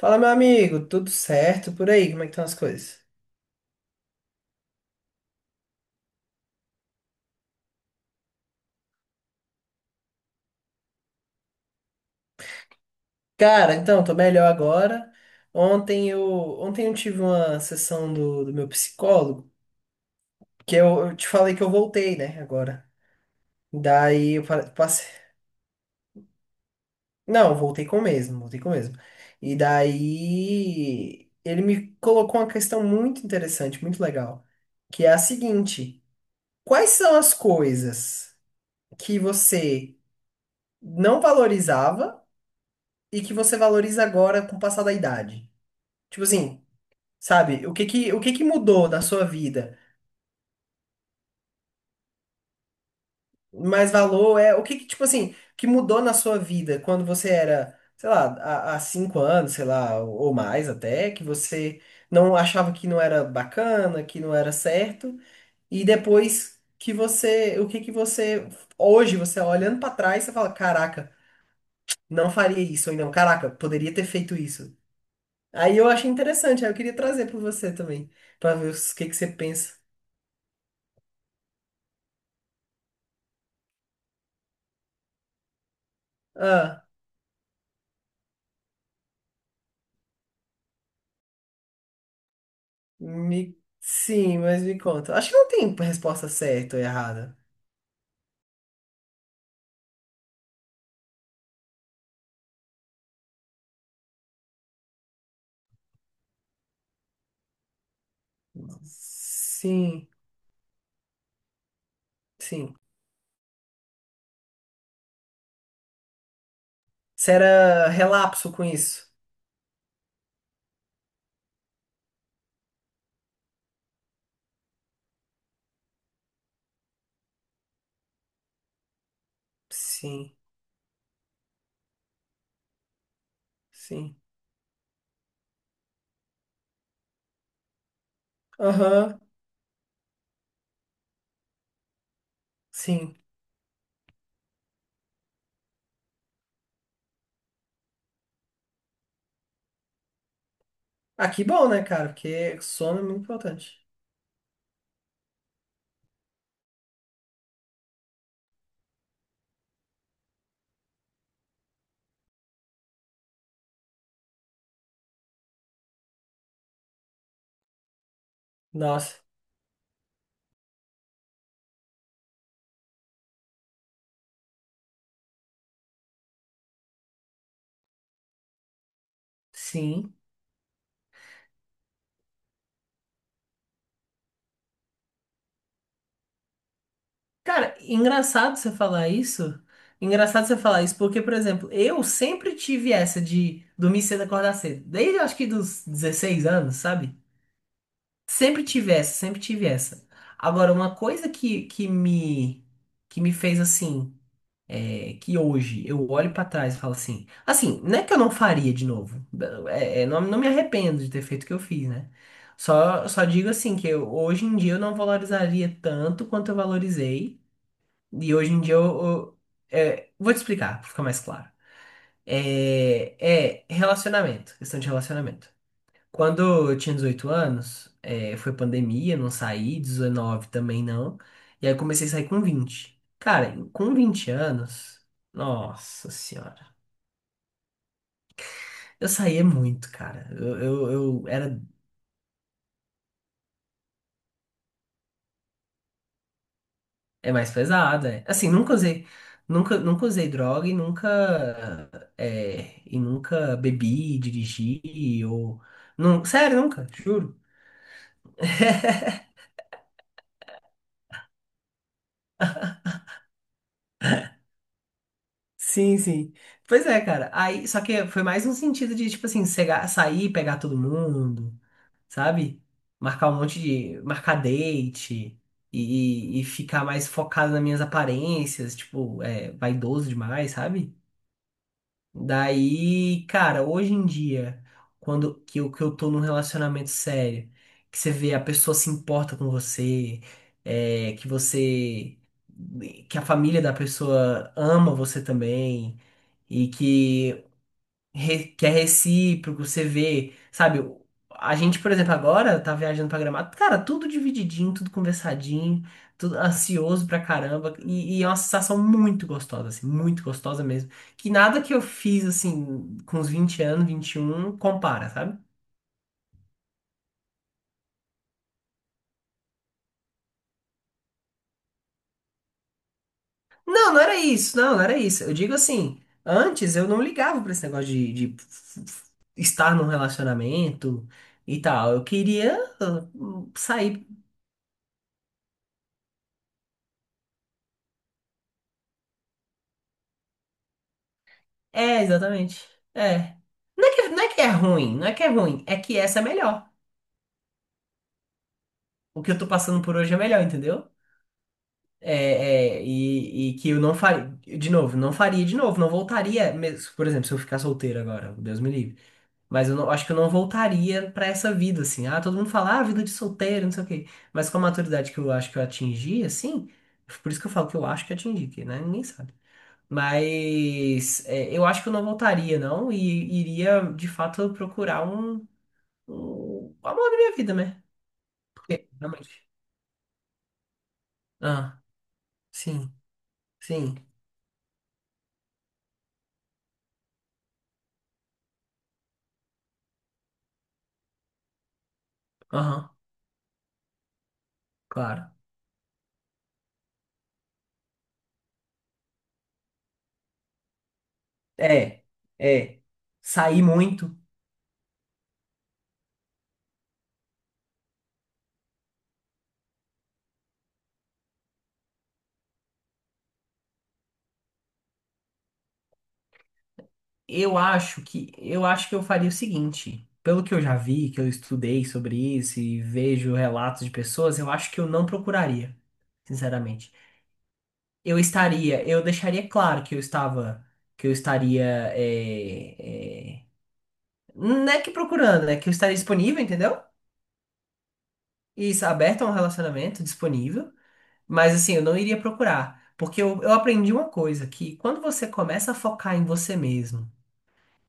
Fala, meu amigo, tudo certo por aí? Como é que estão as coisas? Cara, então, tô melhor agora. Ontem eu, ontem eu tive uma sessão do meu psicólogo, que eu te falei que eu voltei, né, agora. Daí eu passei. Não, voltei com o mesmo, voltei com o mesmo. E daí ele me colocou uma questão muito interessante, muito legal, que é a seguinte: quais são as coisas que você não valorizava e que você valoriza agora com o passar da idade? Tipo assim, sabe? O que que mudou na sua vida? Mais valor é o que que, tipo assim, que mudou na sua vida quando você era, sei lá, há cinco anos, sei lá, ou mais até, que você não achava que não era bacana, que não era certo, e depois que você, o que que você, hoje você olhando pra trás, você fala, caraca, não faria isso, ou não, caraca, poderia ter feito isso. Aí eu achei interessante, aí eu queria trazer pra você também, pra ver o que que você pensa. Ah. Me... Sim, mas me conta. Acho que não tem resposta certa ou errada. Sim, sim. Você era relapso com isso? Sim, sim. Aham, sim. Ah, que bom, né, cara? Porque sono é muito importante. Nossa, sim. Cara, engraçado você falar isso. Engraçado você falar isso, porque, por exemplo, eu sempre tive essa de dormir cedo e acordar cedo. Desde eu acho que dos 16 anos, sabe? Sempre tive essa, sempre tive essa. Agora, uma coisa que me fez assim, é, que hoje eu olho pra trás e falo assim, assim, não é que eu não faria de novo. Não, não me arrependo de ter feito o que eu fiz, né? Só digo assim que hoje em dia eu não valorizaria tanto quanto eu valorizei. E hoje em dia é, vou te explicar, pra ficar mais claro. É relacionamento, questão de relacionamento. Quando eu tinha 18 anos, foi pandemia, não saí, 19 também não. E aí eu comecei a sair com 20. Cara, com 20 anos, nossa senhora. Eu saía muito, cara. Eu era. É mais pesada. É. Assim, nunca usei. Nunca usei droga e nunca. Nunca bebi, dirigi, ou. Não, sério, nunca, juro. Sim, sim. Pois é, cara. Aí, só que foi mais um sentido de, tipo assim, sair, pegar todo mundo, sabe? Marcar um monte de. Marcar date e ficar mais focado nas minhas aparências, tipo, é, vaidoso demais, sabe? Daí, cara, hoje em dia, quando que eu tô num relacionamento sério, que você vê a pessoa se importa com você, é, que você. Que a família da pessoa ama você também e que, que é recíproco, você vê, sabe? A gente, por exemplo, agora tá viajando pra Gramado, cara, tudo divididinho, tudo conversadinho, tudo ansioso pra caramba, e é uma sensação muito gostosa, assim, muito gostosa mesmo. Que nada que eu fiz, assim, com os 20 anos, 21 compara, sabe? Não, não era isso. Eu digo assim, antes eu não ligava pra esse negócio de estar num relacionamento e tal. Eu queria sair. É, exatamente. É. Não é que é ruim, não é que é ruim, é que essa é melhor. O que eu tô passando por hoje é melhor, entendeu? E que eu não faria, de novo, não faria de novo, não voltaria, por exemplo, se eu ficar solteiro agora, Deus me livre. Mas eu não, acho que eu não voltaria pra essa vida, assim. Ah, todo mundo fala, ah, vida de solteiro, não sei o quê. Mas com a maturidade que eu acho que eu atingi, assim, por isso que eu falo que eu acho que atingi, que né? Ninguém sabe. Mas é, eu acho que eu não voltaria, não, e iria de fato procurar um o amor da minha vida, né? Porque realmente. Ah, sim, sim. Aham, claro. É, é. Sair muito. Eu acho que eu faria o seguinte. Pelo que eu já vi, que eu estudei sobre isso e vejo relatos de pessoas, eu acho que eu não procuraria, sinceramente. Eu deixaria claro que eu estava, que eu estaria, é, é, não é que procurando, né? Que eu estaria disponível, entendeu? Isso, aberto a um relacionamento, disponível, mas assim, eu não iria procurar. Porque eu aprendi uma coisa, que quando você começa a focar em você mesmo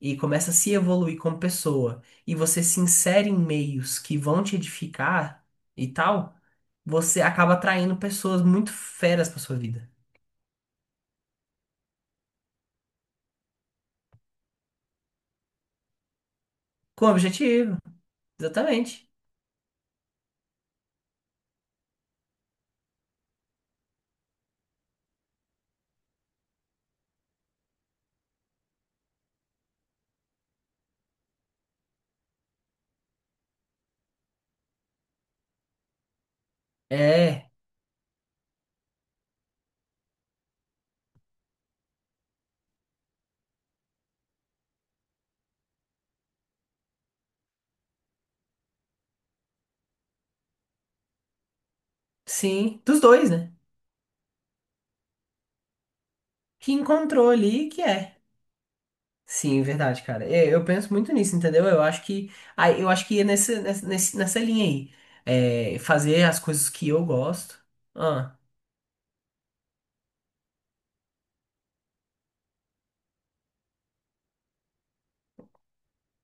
e começa a se evoluir como pessoa e você se insere em meios que vão te edificar e tal, você acaba atraindo pessoas muito feras pra sua vida. Com objetivo, exatamente. É, sim, dos dois, né? Que encontrou ali que é. Sim, verdade, cara. É, eu penso muito nisso, entendeu? Eu acho que, aí eu acho que é nessa linha aí. É, fazer as coisas que eu gosto. Ah,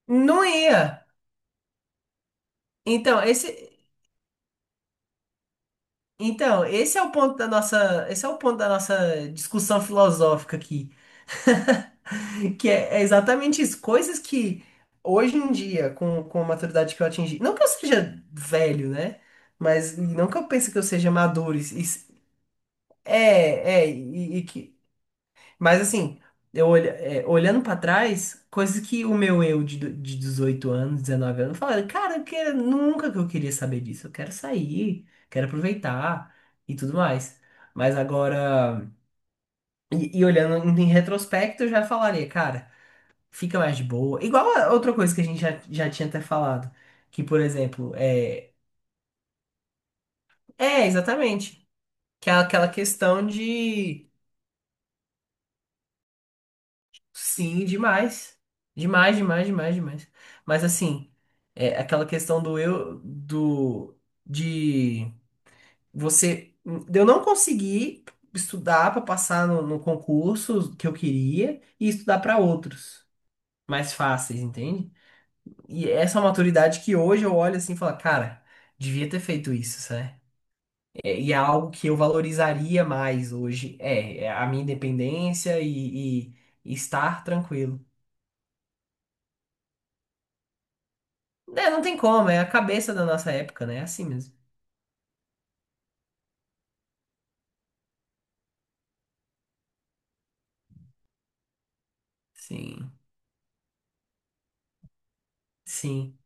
não ia. Então, esse, então, esse é o ponto da nossa, esse é o ponto da nossa discussão filosófica aqui. Que é, é exatamente isso. Coisas que hoje em dia, com a maturidade que eu atingi, não que eu seja velho, né? Mas não que eu pense que eu seja maduro. Isso que. Mas assim, eu olha, é, olhando pra trás, coisas que o meu eu de, de 18 anos, 19 anos, falava, cara, nunca que eu queria saber disso. Eu quero sair, quero aproveitar e tudo mais. Mas agora, e olhando em retrospecto, eu já falaria, cara. Fica mais de boa. Igual a outra coisa que a gente já tinha até falado. Que, por exemplo, é. É, exatamente. Que é aquela questão de. Sim, demais. Demais, demais, demais, demais. Mas assim, é aquela questão do eu. Do. De. Você. De eu não conseguir estudar para passar no concurso que eu queria e estudar para outros mais fáceis, entende? E essa é uma maturidade que hoje eu olho assim e falo, cara, devia ter feito isso, né. É, e é algo que eu valorizaria mais hoje. É, é a minha independência e estar tranquilo. É, não tem como, é a cabeça da nossa época, né? É assim mesmo. Sim, sim.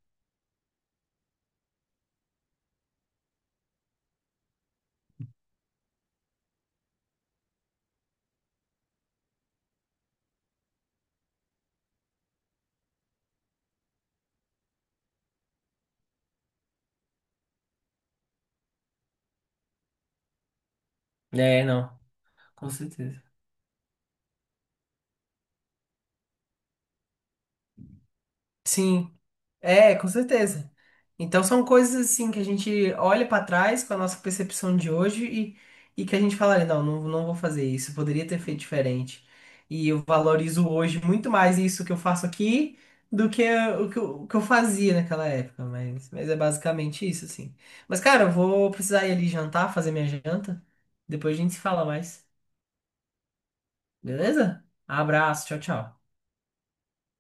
É, não, com certeza. Sim. É, com certeza. Então são coisas assim que a gente olha pra trás com a nossa percepção de hoje e que a gente fala, não, não, não vou fazer isso, eu poderia ter feito diferente. E eu valorizo hoje muito mais isso que eu faço aqui do que o que eu fazia naquela época, mas é basicamente isso, assim. Mas, cara, eu vou precisar ir ali jantar, fazer minha janta. Depois a gente se fala mais, beleza? Abraço, tchau, tchau.